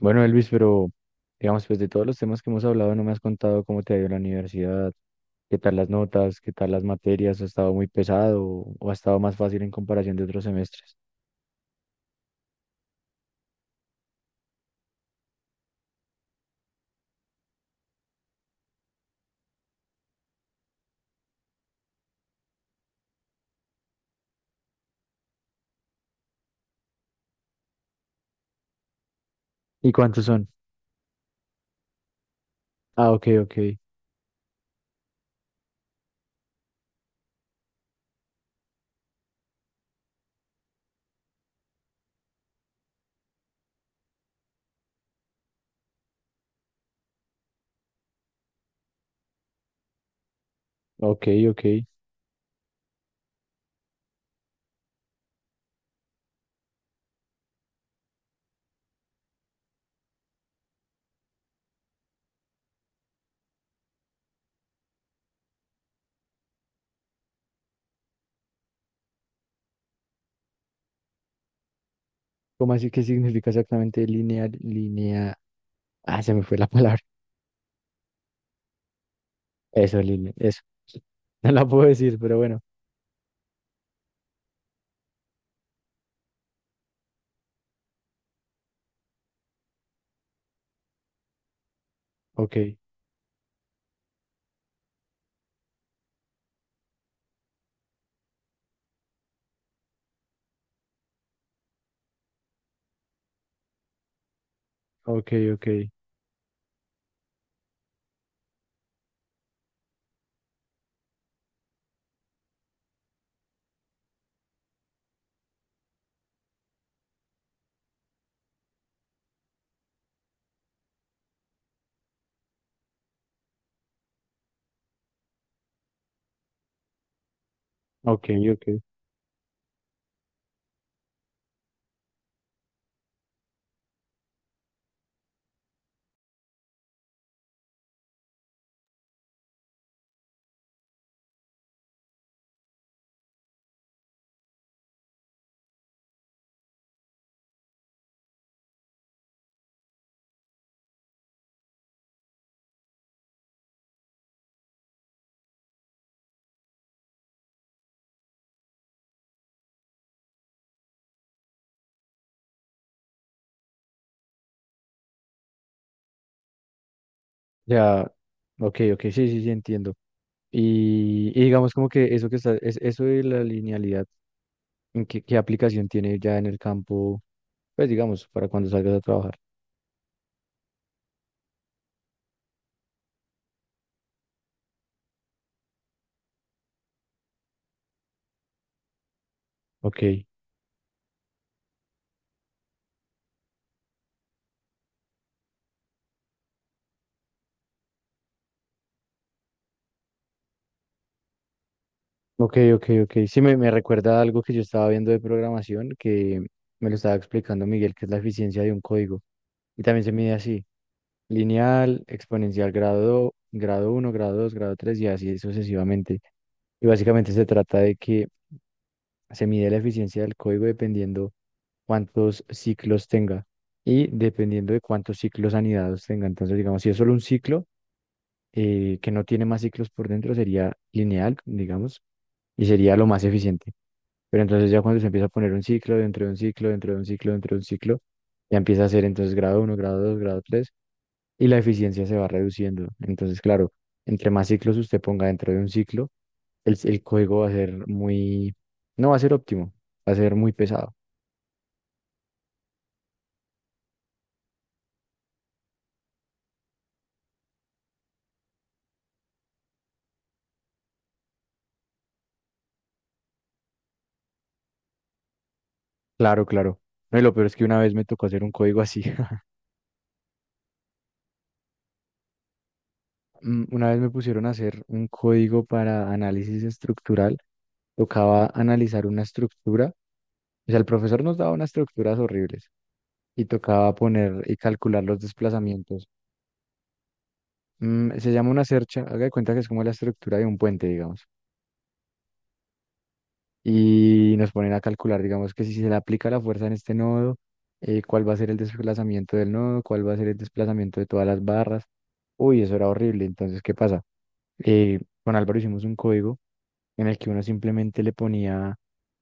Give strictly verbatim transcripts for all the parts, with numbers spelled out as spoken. Bueno, Elvis, pero digamos, pues de todos los temas que hemos hablado, no me has contado cómo te ha ido en la universidad, qué tal las notas, qué tal las materias, ha estado muy pesado o o ha estado más fácil en comparación de otros semestres. ¿Y cuántos son? Ah, ok, ok, ok, ok. ¿Cómo así que significa exactamente lineal, línea? Ah, se me fue la palabra. Eso, línea, eso. No la puedo decir, pero bueno. Ok, ok, ok, ok, ok. Ya, ok, ok, sí, sí, sí, entiendo. Y, y digamos como que eso que está, es, eso de la linealidad. ¿En qué, qué aplicación tiene ya en el campo, pues digamos, para cuando salgas a trabajar? Ok, ok, ok, ok. Sí, me, me recuerda a algo que yo estaba viendo de programación que me lo estaba explicando Miguel, que es la eficiencia de un código. Y también se mide así, lineal, exponencial, grado, grado uno, grado dos, grado tres y así sucesivamente. Y básicamente se trata de que se mide la eficiencia del código dependiendo cuántos ciclos tenga y dependiendo de cuántos ciclos anidados tenga. Entonces, digamos, si es solo un ciclo, eh, que no tiene más ciclos por dentro sería lineal, digamos, y sería lo más eficiente. Pero entonces ya cuando se empieza a poner un ciclo dentro de un ciclo, dentro de un ciclo, dentro de un ciclo, ya empieza a ser entonces grado uno, grado dos, grado tres y la eficiencia se va reduciendo. Entonces, claro, entre más ciclos usted ponga dentro de un ciclo, el, el código va a ser muy, no va a ser óptimo, va a ser muy pesado. Claro, claro. No, y lo peor es que una vez me tocó hacer un código así. Mm, Una vez me pusieron a hacer un código para análisis estructural. Tocaba analizar una estructura, o sea, el profesor nos daba unas estructuras horribles y tocaba poner y calcular los desplazamientos. Mm, se llama una cercha, haga de cuenta que es como la estructura de un puente, digamos, y nos ponen a calcular, digamos, que si se le aplica la fuerza en este nodo, eh, cuál va a ser el desplazamiento del nodo, cuál va a ser el desplazamiento de todas las barras. Uy, eso era horrible. Entonces, ¿qué pasa? Eh, con Álvaro hicimos un código en el que uno simplemente le ponía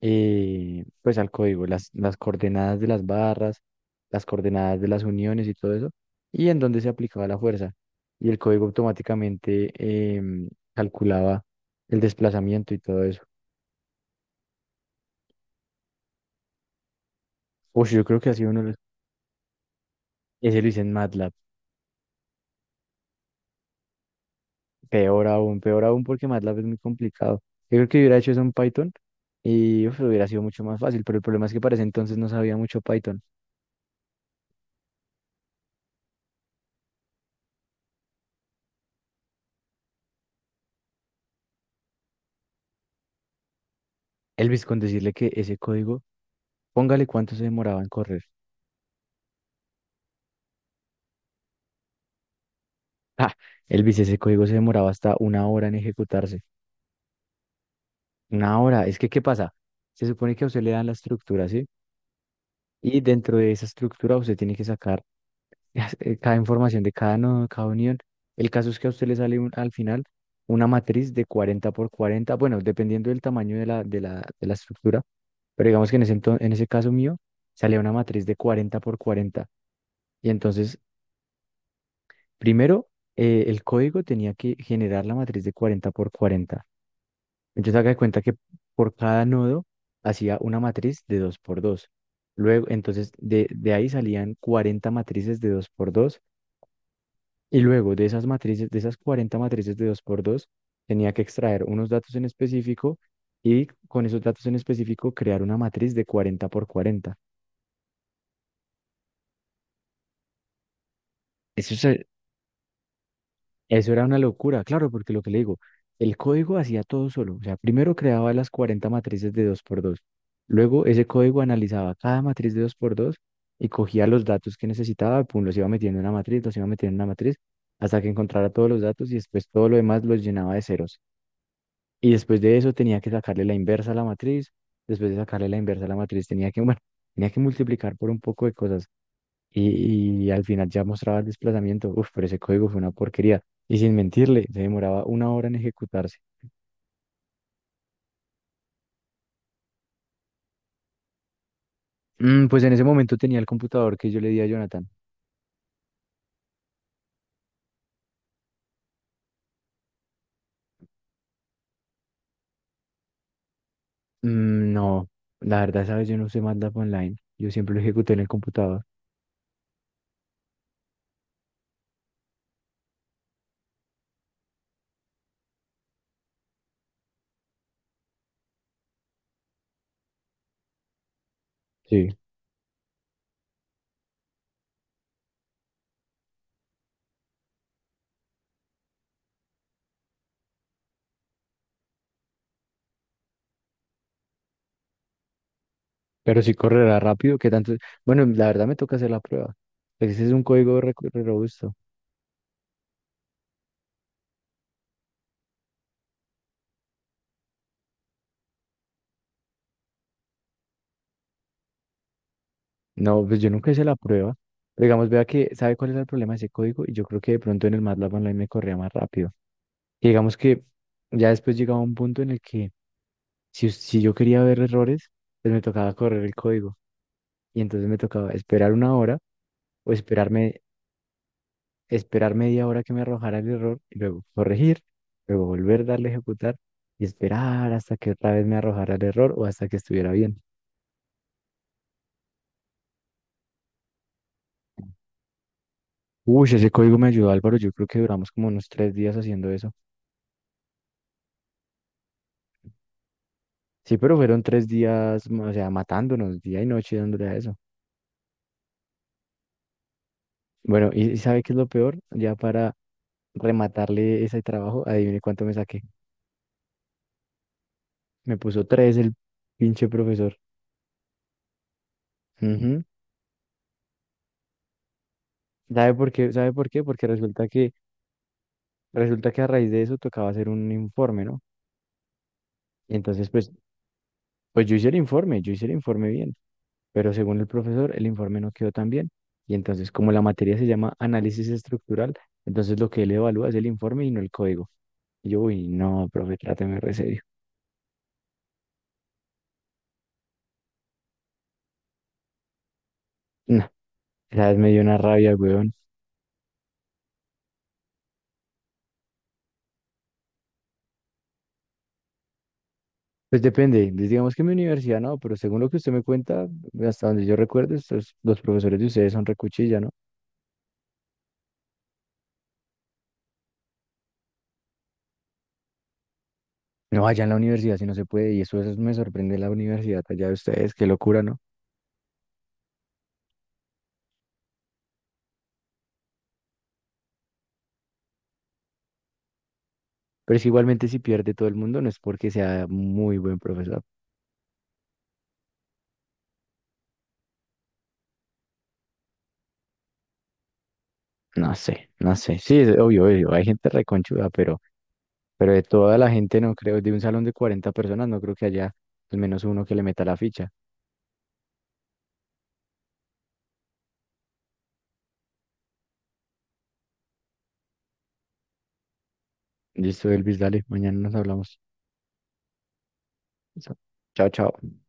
eh, pues al código, las, las coordenadas de las barras, las coordenadas de las uniones y todo eso, y en dónde se aplicaba la fuerza. Y el código automáticamente em, calculaba el desplazamiento y todo eso. Uy, yo creo que ha sido uno de los... Ese lo hice en MATLAB. Peor aún, peor aún porque MATLAB es muy complicado. Yo creo que hubiera hecho eso en Python y uf, hubiera sido mucho más fácil, pero el problema es que para ese entonces no sabía mucho Python. Elvis, con decirle que ese código, póngale cuánto se demoraba en correr. Ah, Elvis, ese código se demoraba hasta una hora en ejecutarse. Una hora. Es que, ¿qué pasa? Se supone que a usted le dan la estructura, ¿sí? Y dentro de esa estructura usted tiene que sacar eh, cada información de cada nodo, cada unión. El caso es que a usted le sale un- al final una matriz de cuarenta por cuarenta, bueno, dependiendo del tamaño de la, de la, de la estructura, pero digamos que en ese, ento- en ese caso mío salía una matriz de cuarenta por cuarenta. Y entonces, primero, eh, el código tenía que generar la matriz de cuarenta por cuarenta. Entonces haga de cuenta que por cada nodo hacía una matriz de dos por dos. Luego, entonces de, de ahí salían cuarenta matrices de dos por dos y luego de esas matrices, de esas cuarenta matrices de dos por dos tenía que extraer unos datos en específico y con esos datos en específico crear una matriz de cuarenta por cuarenta. Eso es. Eso era una locura, claro, porque lo que le digo, el código hacía todo solo. O sea, primero creaba las cuarenta matrices de dos por dos. Luego ese código analizaba cada matriz de dos por dos y cogía los datos que necesitaba, pum, los iba metiendo en una matriz, los iba metiendo en una matriz, hasta que encontrara todos los datos y después todo lo demás los llenaba de ceros. Y después de eso tenía que sacarle la inversa a la matriz, después de sacarle la inversa a la matriz tenía que, bueno, tenía que multiplicar por un poco de cosas y, y al final ya mostraba el desplazamiento. Uf, pero ese código fue una porquería. Y sin mentirle, se demoraba una hora en ejecutarse. Mm, pues en ese momento tenía el computador que yo le di a Jonathan. Mm, no, la verdad, sabes, yo no usé MATLAB Online. Yo siempre lo ejecuté en el computador. Sí. Pero si correrá rápido, ¿qué tanto? Bueno, la verdad me toca hacer la prueba. Ese es un código re, re robusto. No, pues yo nunca hice la prueba. Pero digamos, vea que, ¿sabe cuál era el problema de ese código? Y yo creo que de pronto en el MATLAB Online me corría más rápido. Que digamos que ya después llegaba un punto en el que si, us- si yo quería ver errores, pues me tocaba correr el código y entonces me tocaba esperar una hora o esperarme, esperar media hora que me arrojara el error y luego corregir, luego volver a darle a ejecutar y esperar hasta que otra vez me arrojara el error o hasta que estuviera bien. Uy, ese código me ayudó, Álvaro. Yo creo que duramos como unos tres días haciendo eso. Sí, pero fueron tres días, o sea, matándonos día y noche dándole a eso. Bueno, y y ¿sabe qué es lo peor? Ya para rematarle ese trabajo, adivine cuánto me saqué. Me puso tres el pinche profesor. Ujú. ¿Sabe por qué? ¿Sabe por qué? Porque resulta que, resulta que a raíz de eso tocaba hacer un informe, ¿no? Y entonces, pues, pues yo hice el informe, yo hice el informe bien, pero según el profesor, el informe no quedó tan bien. Y entonces, como la materia se llama análisis estructural, entonces lo que él evalúa es el informe y no el código. Y yo, uy, no, profe, tráteme re serio. No, esa vez me dio una rabia, güey. Pues depende, pues digamos que en mi universidad no, pero según lo que usted me cuenta, hasta donde yo recuerdo, estos, los profesores de ustedes son recuchilla, ¿no? No, allá en la universidad sí no se puede, y eso, eso me sorprende la universidad allá de ustedes, qué locura, ¿no? Pero es que igualmente si pierde todo el mundo, no es porque sea muy buen profesor. No sé, no sé. Sí, es obvio, obvio, hay gente reconchuda, pero, pero de toda la gente no creo, de un salón de cuarenta personas, no creo que haya al menos uno que le meta la ficha. Listo, Elvis, dale, mañana nos hablamos. Listo. Chao, chao.